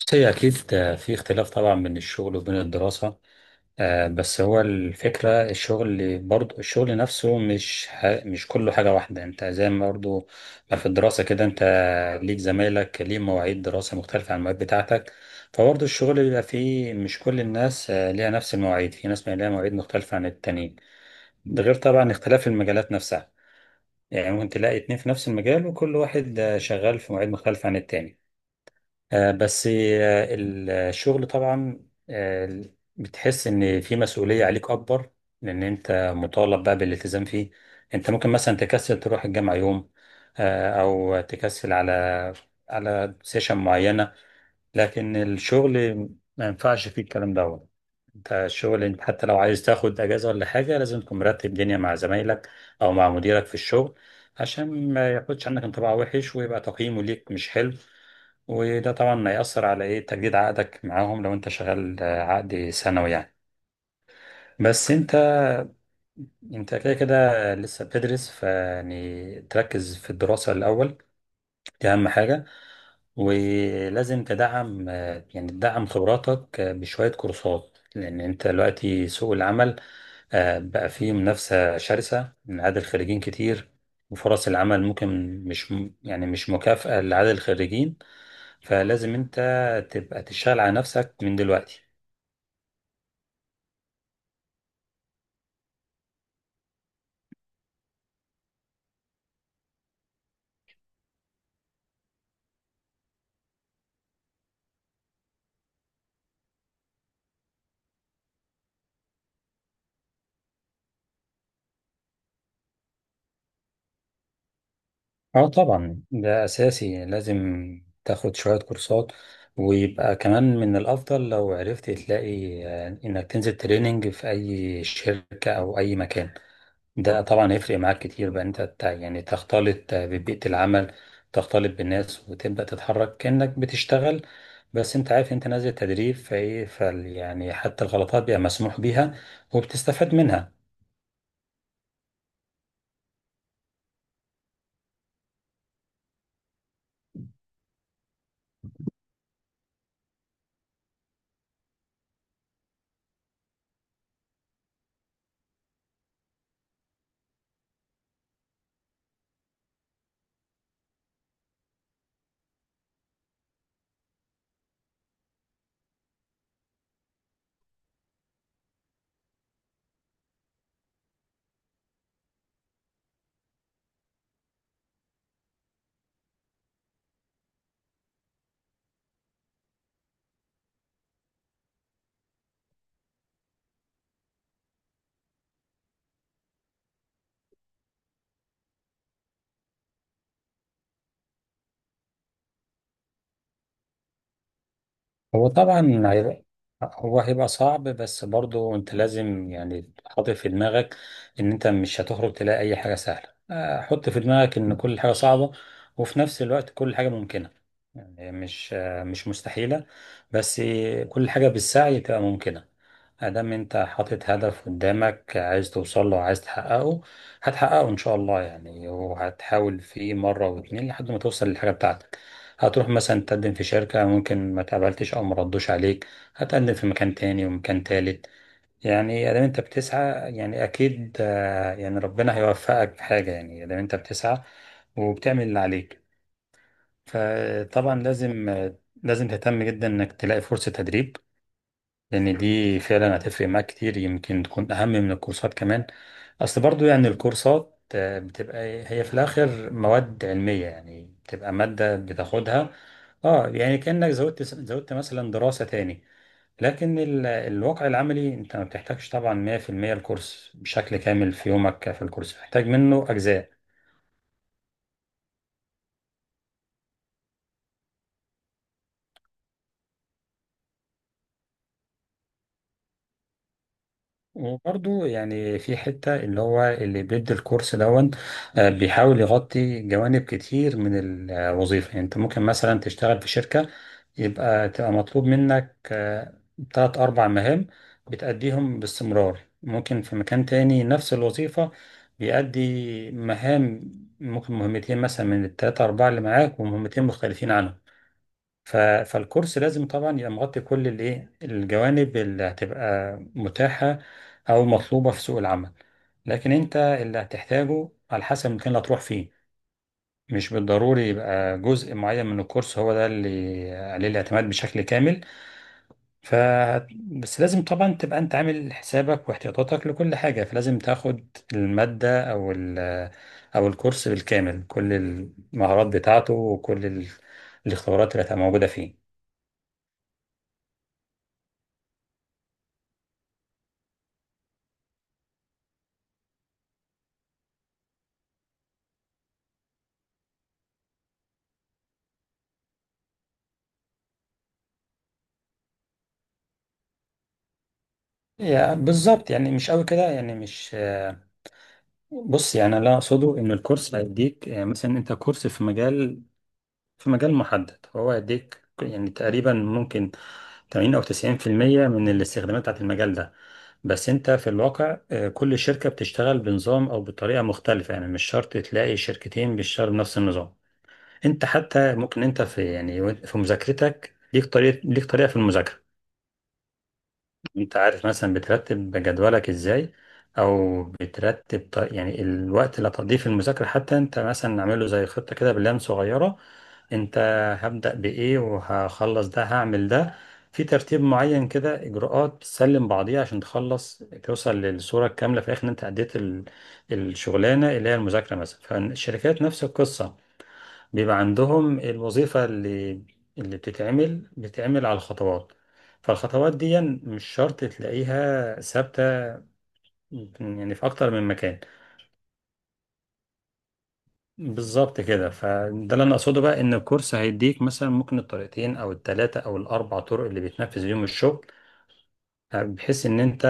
بس هي أكيد في اختلاف طبعا بين الشغل وبين الدراسة. بس هو الفكرة الشغل برضو الشغل نفسه مش كله حاجة واحدة. انت زي ما برضو ما في الدراسة كده انت ليك زمايلك ليه مواعيد دراسة مختلفة عن المواعيد بتاعتك، فبرضو الشغل بيبقى فيه مش كل الناس ليها نفس المواعيد، في ناس بيبقى ليها مواعيد مختلفة عن التانيين. ده غير طبعا اختلاف المجالات نفسها، يعني ممكن تلاقي اتنين في نفس المجال وكل واحد شغال في مواعيد مختلفة عن التاني. آه، بس آه، الشغل طبعا، آه، بتحس ان في مسؤولية عليك اكبر، لان انت مطالب بقى بالالتزام فيه. انت ممكن مثلا تكسل تروح الجامعة يوم، او تكسل على على سيشن معينة، لكن الشغل ما ينفعش فيه الكلام دوت. انت الشغل انت حتى لو عايز تاخد اجازه ولا حاجه لازم تكون مرتب دنيا مع زمايلك او مع مديرك في الشغل، عشان ما ياخدش عنك انطباع وحش ويبقى تقييمه ليك مش حلو. وده طبعا هيأثر على ايه تجديد عقدك معاهم لو انت شغال عقد سنوي يعني. بس انت كده كده لسه بتدرس، فيعني تركز في الدراسه الاول، دي اهم حاجه. ولازم تدعم يعني تدعم خبراتك بشوية كورسات، لأن أنت دلوقتي سوق العمل بقى فيه منافسة شرسة من عدد الخريجين كتير، وفرص العمل ممكن مش م- يعني مش مكافأة لعدد الخريجين. فلازم أنت تبقى تشتغل على نفسك من دلوقتي. اه طبعا ده أساسي، لازم تاخد شوية كورسات، ويبقى كمان من الأفضل لو عرفت تلاقي إنك تنزل تريننج في أي شركة أو أي مكان. ده طبعا هيفرق معاك كتير، بقى انت يعني تختلط ببيئة العمل، تختلط بالناس وتبدأ تتحرك كأنك بتشتغل، بس انت عارف انت نازل تدريب فايه فال، يعني حتى الغلطات بيبقى مسموح بيها وبتستفاد منها. هو طبعا هي- هو هيبقى صعب، بس برضو انت لازم يعني حاطط في دماغك ان انت مش هتخرج تلاقي اي حاجة سهلة. حط في دماغك ان كل حاجة صعبة، وفي نفس الوقت كل حاجة ممكنة، يعني مش مستحيلة. بس كل حاجة بالسعي تبقى ممكنة. ادام انت حاطط هدف قدامك عايز توصل له عايز تحققه، هتحققه ان شاء الله، يعني وهتحاول فيه مره واتنين لحد ما توصل للحاجه بتاعتك. هتروح مثلا تقدم في شركه ممكن ما تقبلتش او ما ردوش عليك، هتقدم في مكان تاني ومكان تالت. يعني ادام انت بتسعى يعني اكيد يعني ربنا هيوفقك في حاجه، يعني ادام انت بتسعى وبتعمل اللي عليك. فطبعا لازم لازم تهتم جدا انك تلاقي فرصه تدريب، لان دي فعلا هتفرق معاك كتير، يمكن تكون اهم من الكورسات كمان. اصل برضو يعني الكورسات بتبقى هي في الاخر مواد علمية، يعني بتبقى مادة بتاخدها. اه يعني كأنك زودت مثلا دراسة تاني، لكن الواقع العملي انت ما بتحتاجش طبعا 100% الكورس بشكل كامل في يومك، في الكورس بتحتاج منه اجزاء. وبرضو يعني في حتة اللي هو اللي بيدي الكورس دون، بيحاول يغطي جوانب كتير من الوظيفة. يعني انت ممكن مثلا تشتغل في شركة يبقى تبقى مطلوب منك تلات أربع مهام بتأديهم باستمرار، ممكن في مكان تاني نفس الوظيفة بيأدي مهام، ممكن مهمتين مثلا من التلاتة أربعة اللي معاك ومهمتين مختلفين عنهم. فالكورس لازم طبعا يبقى مغطي كل الايه الجوانب اللي هتبقى متاحة او مطلوبة في سوق العمل، لكن انت اللي هتحتاجه على حسب المكان اللي هتروح فيه، مش بالضروري يبقى جزء معين من الكورس هو ده اللي عليه الاعتماد بشكل كامل. ف بس لازم طبعا تبقى انت عامل حسابك واحتياطاتك لكل حاجة، فلازم تاخد المادة او الكورس بالكامل، كل المهارات بتاعته وكل الاختبارات اللي هتبقى موجودة فيه. يا بالظبط، يعني مش قوي كده يعني مش، بص يعني اللي أنا اقصده ان الكورس هيديك، يعني مثلا انت كورس في مجال في مجال محدد، هو هيديك يعني تقريبا ممكن 80 او 90% من الاستخدامات بتاعت المجال ده. بس انت في الواقع كل شركة بتشتغل بنظام او بطريقة مختلفة، يعني مش شرط تلاقي شركتين بيشتغلوا بنفس النظام. انت حتى ممكن انت في يعني في مذاكرتك ليك طريقة ليك طريقة في المذاكرة. انت عارف مثلا بترتب جدولك ازاي، او بترتب يعني الوقت اللي هتقضيه في المذاكره، حتى انت مثلا عامله زي خطه كده، بلان صغيره. انت هبدا بايه وهخلص ده هعمل ده، في ترتيب معين كده، اجراءات بتسلم بعضيها عشان تخلص توصل للصوره الكامله في الاخر ان انت اديت الشغلانه اللي هي المذاكره مثلا. فالشركات نفس القصه، بيبقى عندهم الوظيفة اللي بتتعمل على الخطوات، فالخطوات دي مش شرط تلاقيها ثابتة يعني في أكتر من مكان. بالظبط كده، فده اللي أنا أقصده بقى، إن الكورس هيديك مثلا ممكن الطريقتين أو التلاتة أو الأربع طرق اللي بيتنفذ بيهم الشغل، طيب، بحيث ان انت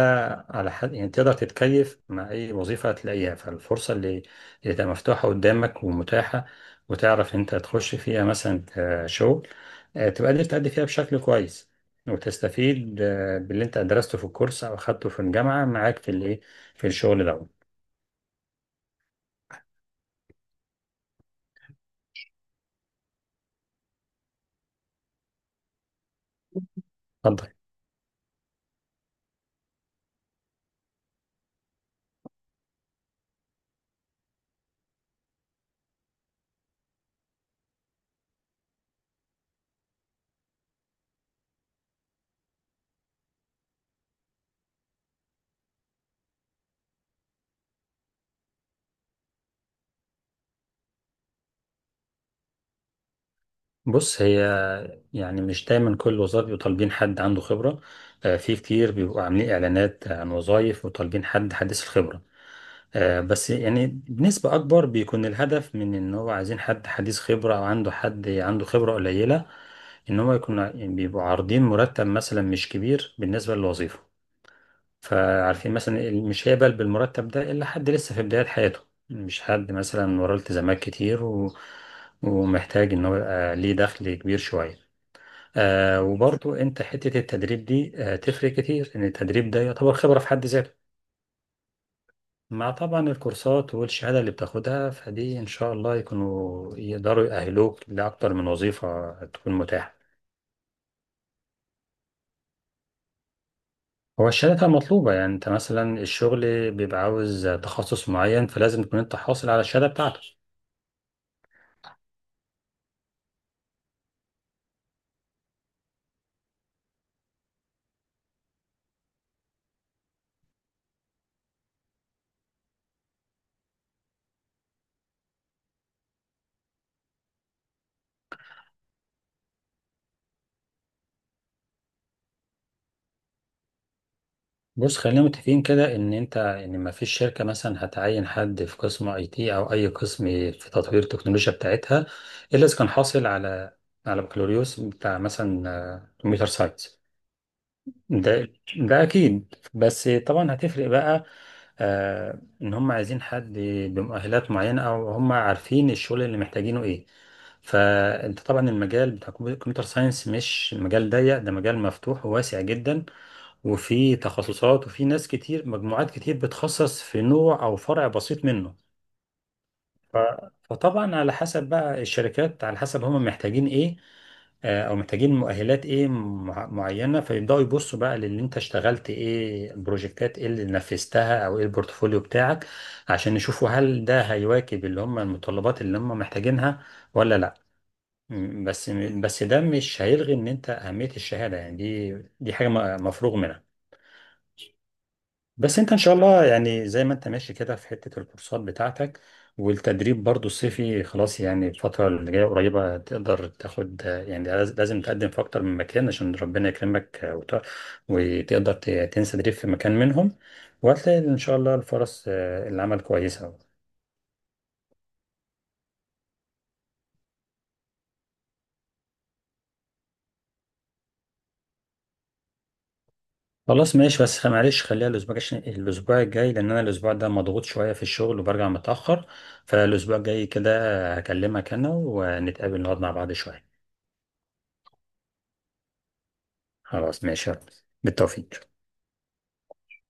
على حد يعني تقدر تتكيف مع اي وظيفه هتلاقيها، فالفرصه اللي تبقى مفتوحه قدامك ومتاحه، وتعرف انت تخش فيها مثلا كشغل، تبقى قادر تأدي فيها بشكل كويس، وتستفيد باللي انت درسته في الكورس او اخدته في الجامعه معاك في الايه، في الشغل ده. اتفضل. بص هي، يعني مش دايما كل الوظائف بيبقوا طالبين حد عنده خبره، في كتير بيبقوا عاملين اعلانات عن وظائف وطالبين حد حديث الخبره. بس يعني بنسبة أكبر بيكون الهدف من إن هو عايزين حد حديث خبرة أو عنده حد عنده خبرة قليلة، إن هو يكون يعني بيبقوا عارضين مرتب مثلا مش كبير بالنسبة للوظيفة. فعارفين مثلا مش هيقبل بالمرتب ده إلا حد لسه في بداية حياته، مش حد مثلا وراه التزامات كتير و... ومحتاج إن هو يبقى ليه دخل كبير شوية. آه وبرضو أنت حتة التدريب دي آه تفرق كتير، إن التدريب ده يعتبر خبرة في حد ذاته، مع طبعا الكورسات والشهادة اللي بتاخدها، فدي إن شاء الله يكونوا يقدروا يأهلوك لأكتر من وظيفة تكون متاحة. هو الشهادة بتبقى مطلوبة، يعني أنت مثلا الشغل بيبقى عاوز تخصص معين، فلازم تكون أنت حاصل على الشهادة بتاعتك. بص خلينا متفقين كده إن أنت إن ما فيش شركة مثلا هتعين حد في قسم أي تي أو أي قسم في تطوير التكنولوجيا بتاعتها، إلا إذا كان حاصل على على بكالوريوس بتاع مثلا كمبيوتر ساينس. ده ده اكيد، بس طبعا هتفرق بقى، آه ان هم عايزين حد بمؤهلات معينه، او هم عارفين الشغل اللي محتاجينه ايه. فانت طبعا المجال بتاع الكمبيوتر ساينس مش مجال ضيق، ده مجال مفتوح وواسع جدا، وفي تخصصات وفي ناس كتير مجموعات كتير بتخصص في نوع او فرع بسيط منه. ف- فطبعا على حسب بقى الشركات، على حسب هم محتاجين ايه، او محتاجين مؤهلات ايه معينه، فيبداوا يبصوا بقى للي انت اشتغلت ايه، البروجكتات ايه اللي نفذتها، او ايه البورتفوليو بتاعك، عشان يشوفوا هل ده هيواكب اللي هم المتطلبات اللي هم محتاجينها ولا لا. بس ده مش هيلغي ان انت اهميه الشهاده، يعني دي حاجه مفروغ منها. بس انت ان شاء الله يعني زي ما انت ماشي كده في حتة الكورسات بتاعتك والتدريب برضو الصيفي خلاص، يعني الفترة اللي جاية قريبة تقدر تاخد، يعني لازم تقدم في اكتر من مكان عشان ربنا يكرمك، وتقدر تنسى تدريب في مكان منهم، وهتلاقي ان شاء الله الفرص العمل كويسة. خلاص ماشي، بس معلش خليها الاسبوع، عشان الاسبوع الجاي، لان انا الاسبوع ده مضغوط شوية في الشغل وبرجع متأخر، فالاسبوع الجاي كده هكلمك انا ونتقابل نقعد مع بعض شوية. خلاص ماشي يا رب. بالتوفيق.